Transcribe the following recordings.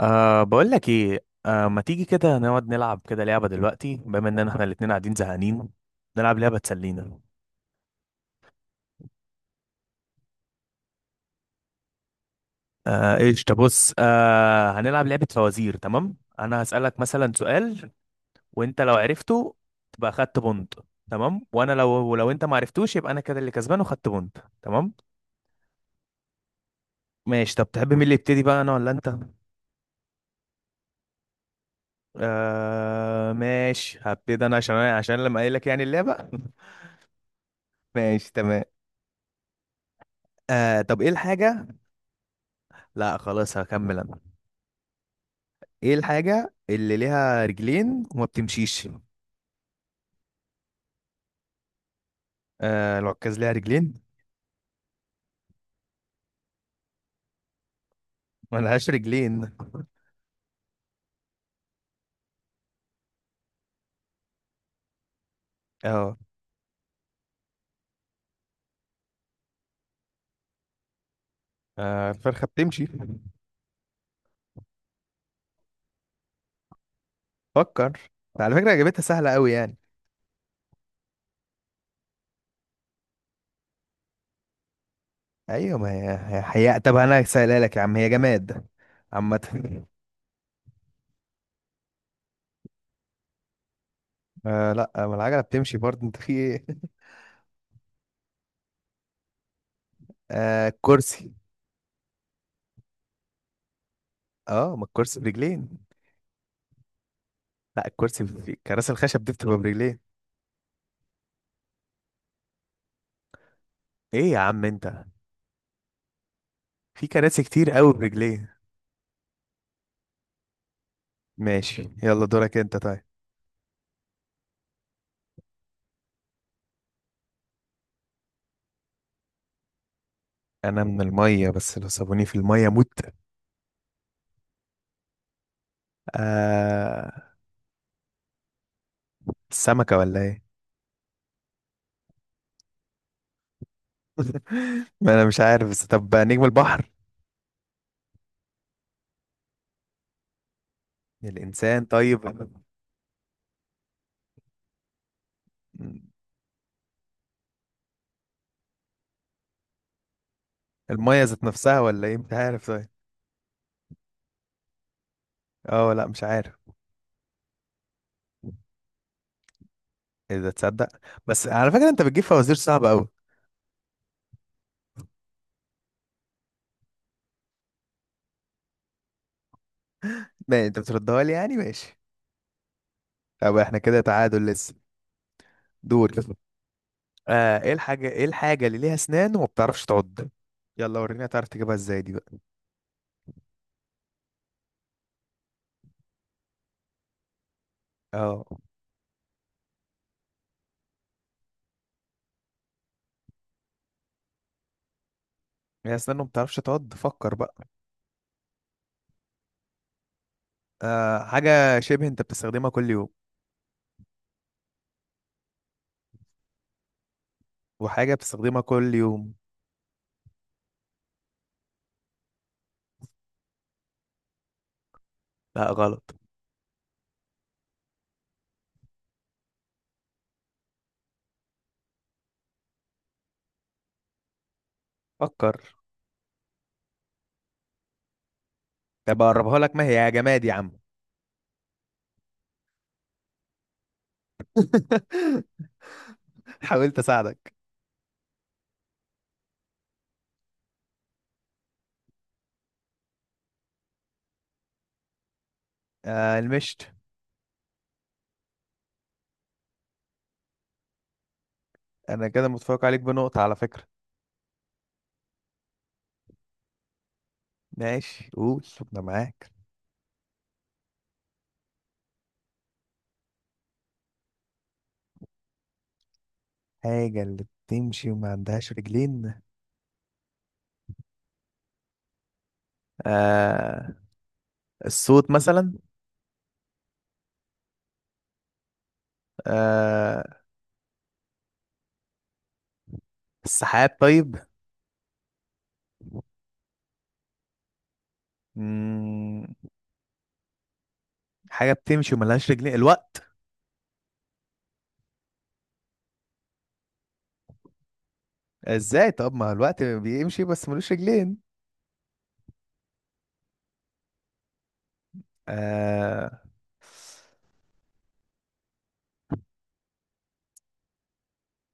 بقول لك ايه، ما تيجي كده نقعد نلعب كده لعبة دلوقتي بما ان احنا الاتنين قاعدين زهقانين؟ نلعب لعبة تسلينا. ايش؟ بص، هنلعب لعبة فوازير. تمام، انا هسألك مثلا سؤال، وانت لو عرفته تبقى خدت بونت، تمام. وانا لو ولو انت ما عرفتوش يبقى انا كده اللي كسبان وخدت بونت، تمام؟ ماشي. طب تحب مين اللي يبتدي بقى، انا ولا انت؟ ماشي، هبتدي انا عشان لما قايل لك يعني اللعبة. ماشي تمام. طب ايه الحاجة؟ لا خلاص هكمل انا. ايه الحاجة اللي ليها رجلين وما بتمشيش؟ آه العكاز ليها رجلين؟ ما لهاش رجلين. اه، آه، الفرخة بتمشي. فكر. على فكرة اجابتها سهلة قوي يعني. ايوه، ما هي هي حقيقة. طب انا سهلها لك يا عم، هي جماد عامة. آه لا، ما العجلة بتمشي برضه. انت في ايه؟ آه الكرسي. اه، ما الكرسي برجلين. لا، الكرسي في كراسي الخشب دي بتبقى برجلين. ايه يا عم انت، في كراسي كتير قوي برجلين. ماشي يلا دورك انت طيب. انا من الميه، بس لو سابوني في الميه مت. آه، السمكه ولا ايه؟ ما انا مش عارف، بس طب نجم البحر؟ الانسان طيب؟ الميه ذات نفسها ولا ايه؟ مش عارف طيب. اه لا مش عارف. اذا تصدق، بس على فكره انت بتجيب فوازير صعبه قوي. ما يعني انت بتردها لي يعني، ماشي. طب احنا كده تعادل لسه. دور. آه ايه الحاجه اللي ليها اسنان وما بتعرفش تعض؟ يلا وريني هتعرف تجيبها ازاي دي بقى. اه، ليها اسنان وما بتعرفش تعض، فكر بقى. آه، حاجة شبه انت بتستخدمها كل يوم، وحاجة بتستخدمها كل يوم. لا غلط. فكر. طب اقربها لك، ما هي يا جماد يا عم. حاولت اساعدك. آه المشت. انا كده متفوق عليك بنقطة على فكرة. ماشي قول، انا معاك. حاجة اللي بتمشي وما عندهاش رجلين؟ آه، الصوت مثلا. آه، السحاب طيب. مم. حاجة بتمشي وملهاش رجلين، الوقت. ازاي؟ طب ما هو الوقت بيمشي بس ملوش رجلين. آه...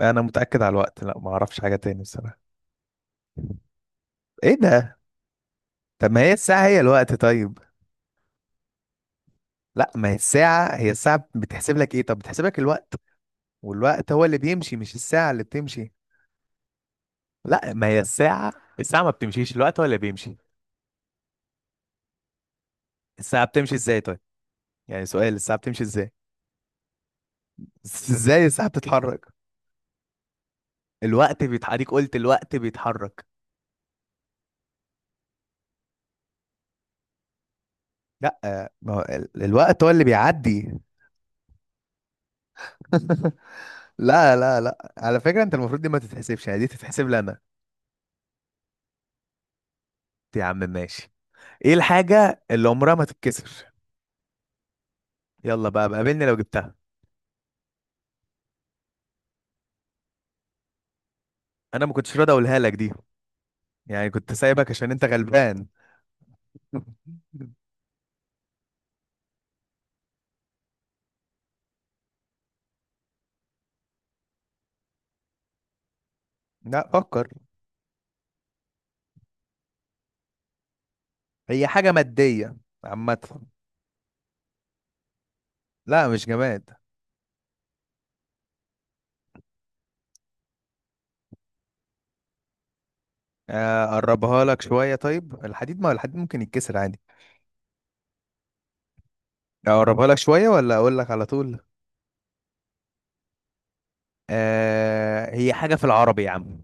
انا متأكد على الوقت، لا ما اعرفش حاجة تاني بصراحة. ايه ده؟ طب ما هي الساعة هي الوقت طيب. لا، ما هي الساعة، هي الساعة بتحسب لك ايه؟ طب بتحسب لك الوقت، والوقت هو اللي بيمشي مش الساعة اللي بتمشي. لا، ما هي الساعة، الساعة ما بتمشيش، الوقت هو اللي بيمشي. الساعة بتمشي ازاي طيب؟ يعني سؤال، الساعة بتمشي ازاي؟ ازاي الساعة بتتحرك؟ الوقت بيتحرك، قلت الوقت بيتحرك. لا ما هو الوقت هو اللي بيعدي. لا على فكرة انت المفروض دي ما تتحسبش، يعني دي تتحسب لي انا. يا عم ماشي. ايه الحاجة اللي عمرها ما تتكسر؟ يلا بقى بقابلني لو جبتها. انا ما كنتش راضي اقولها لك دي، يعني كنت سايبك عشان انت غلبان. لا فكر. هي حاجة مادية عامة. لا مش جماد. آه، اقربها لك شوية، طيب الحديد؟ ما هو الحديد ممكن يتكسر عادي. اقربها لك شوية ولا اقول لك على طول؟ هي حاجة في العربي يا عم.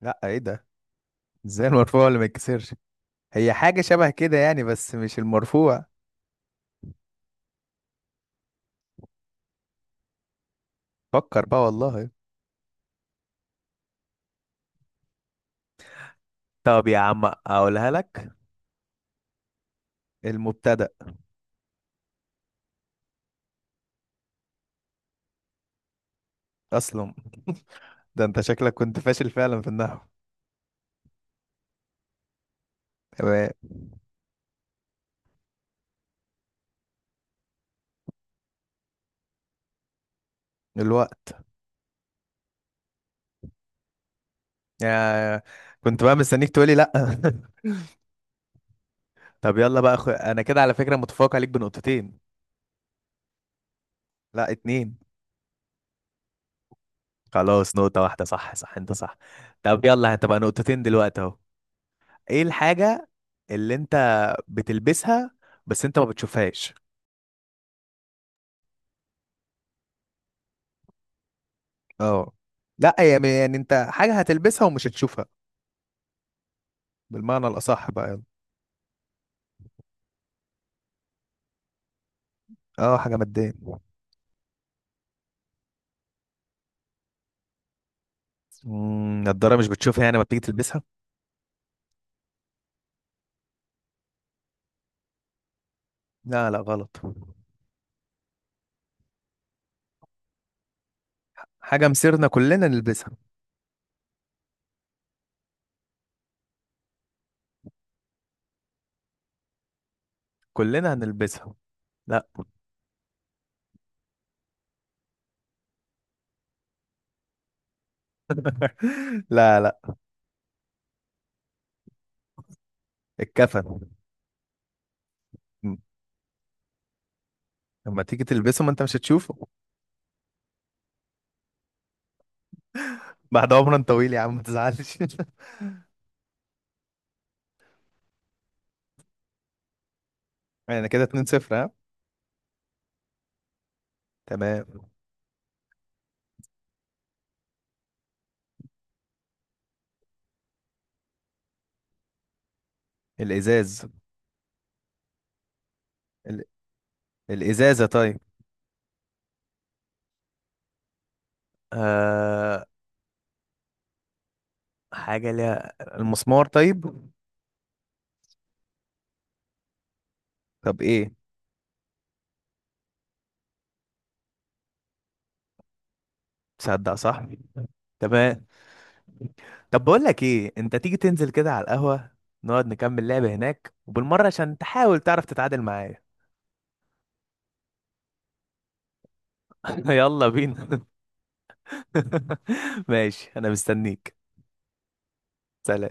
لا ايه ده، ازاي المرفوع اللي ما يتكسرش؟ هي حاجة شبه كده يعني، بس مش المرفوع. فكر بقى والله. طب يا عم اقولها لك، المبتدأ. أصلا ده أنت شكلك كنت فاشل فعلا في النحو. تمام. الوقت. يا، كنت بقى مستنيك تقولي لأ. طب يلا بقى انا كده على فكرة متفوق عليك بنقطتين. لأ اتنين. خلاص نقطة واحدة، صح صح انت صح. طب يلا هتبقى نقطتين دلوقتي اهو. ايه الحاجة اللي انت بتلبسها بس انت ما بتشوفهاش؟ اه، لا يعني، انت حاجه هتلبسها ومش هتشوفها، بالمعنى الاصح بقى يعني. اه، حاجه ماديه. امم، نضاره مش بتشوفها يعني، ما بتيجي تلبسها؟ لا لا غلط. حاجه مسيرنا كلنا نلبسها، كلنا هنلبسها. لا. لا لا. الكفن. مم. لما تيجي تلبسه ما انت مش هتشوفه. بعد عمر طويل يا عم ما تزعلش. انا كده 2 0 ها. تمام. الازاز. ال... الازازه طيب؟ آه... حاجه ليها المسمار طيب؟ طب ايه؟ تصدق صح. تمام. طب بقول لك ايه، انت تيجي تنزل كده على القهوة، نقعد نكمل لعبة هناك وبالمرة عشان تحاول تعرف تتعادل معايا. يلا بينا. ماشي انا مستنيك. سلام.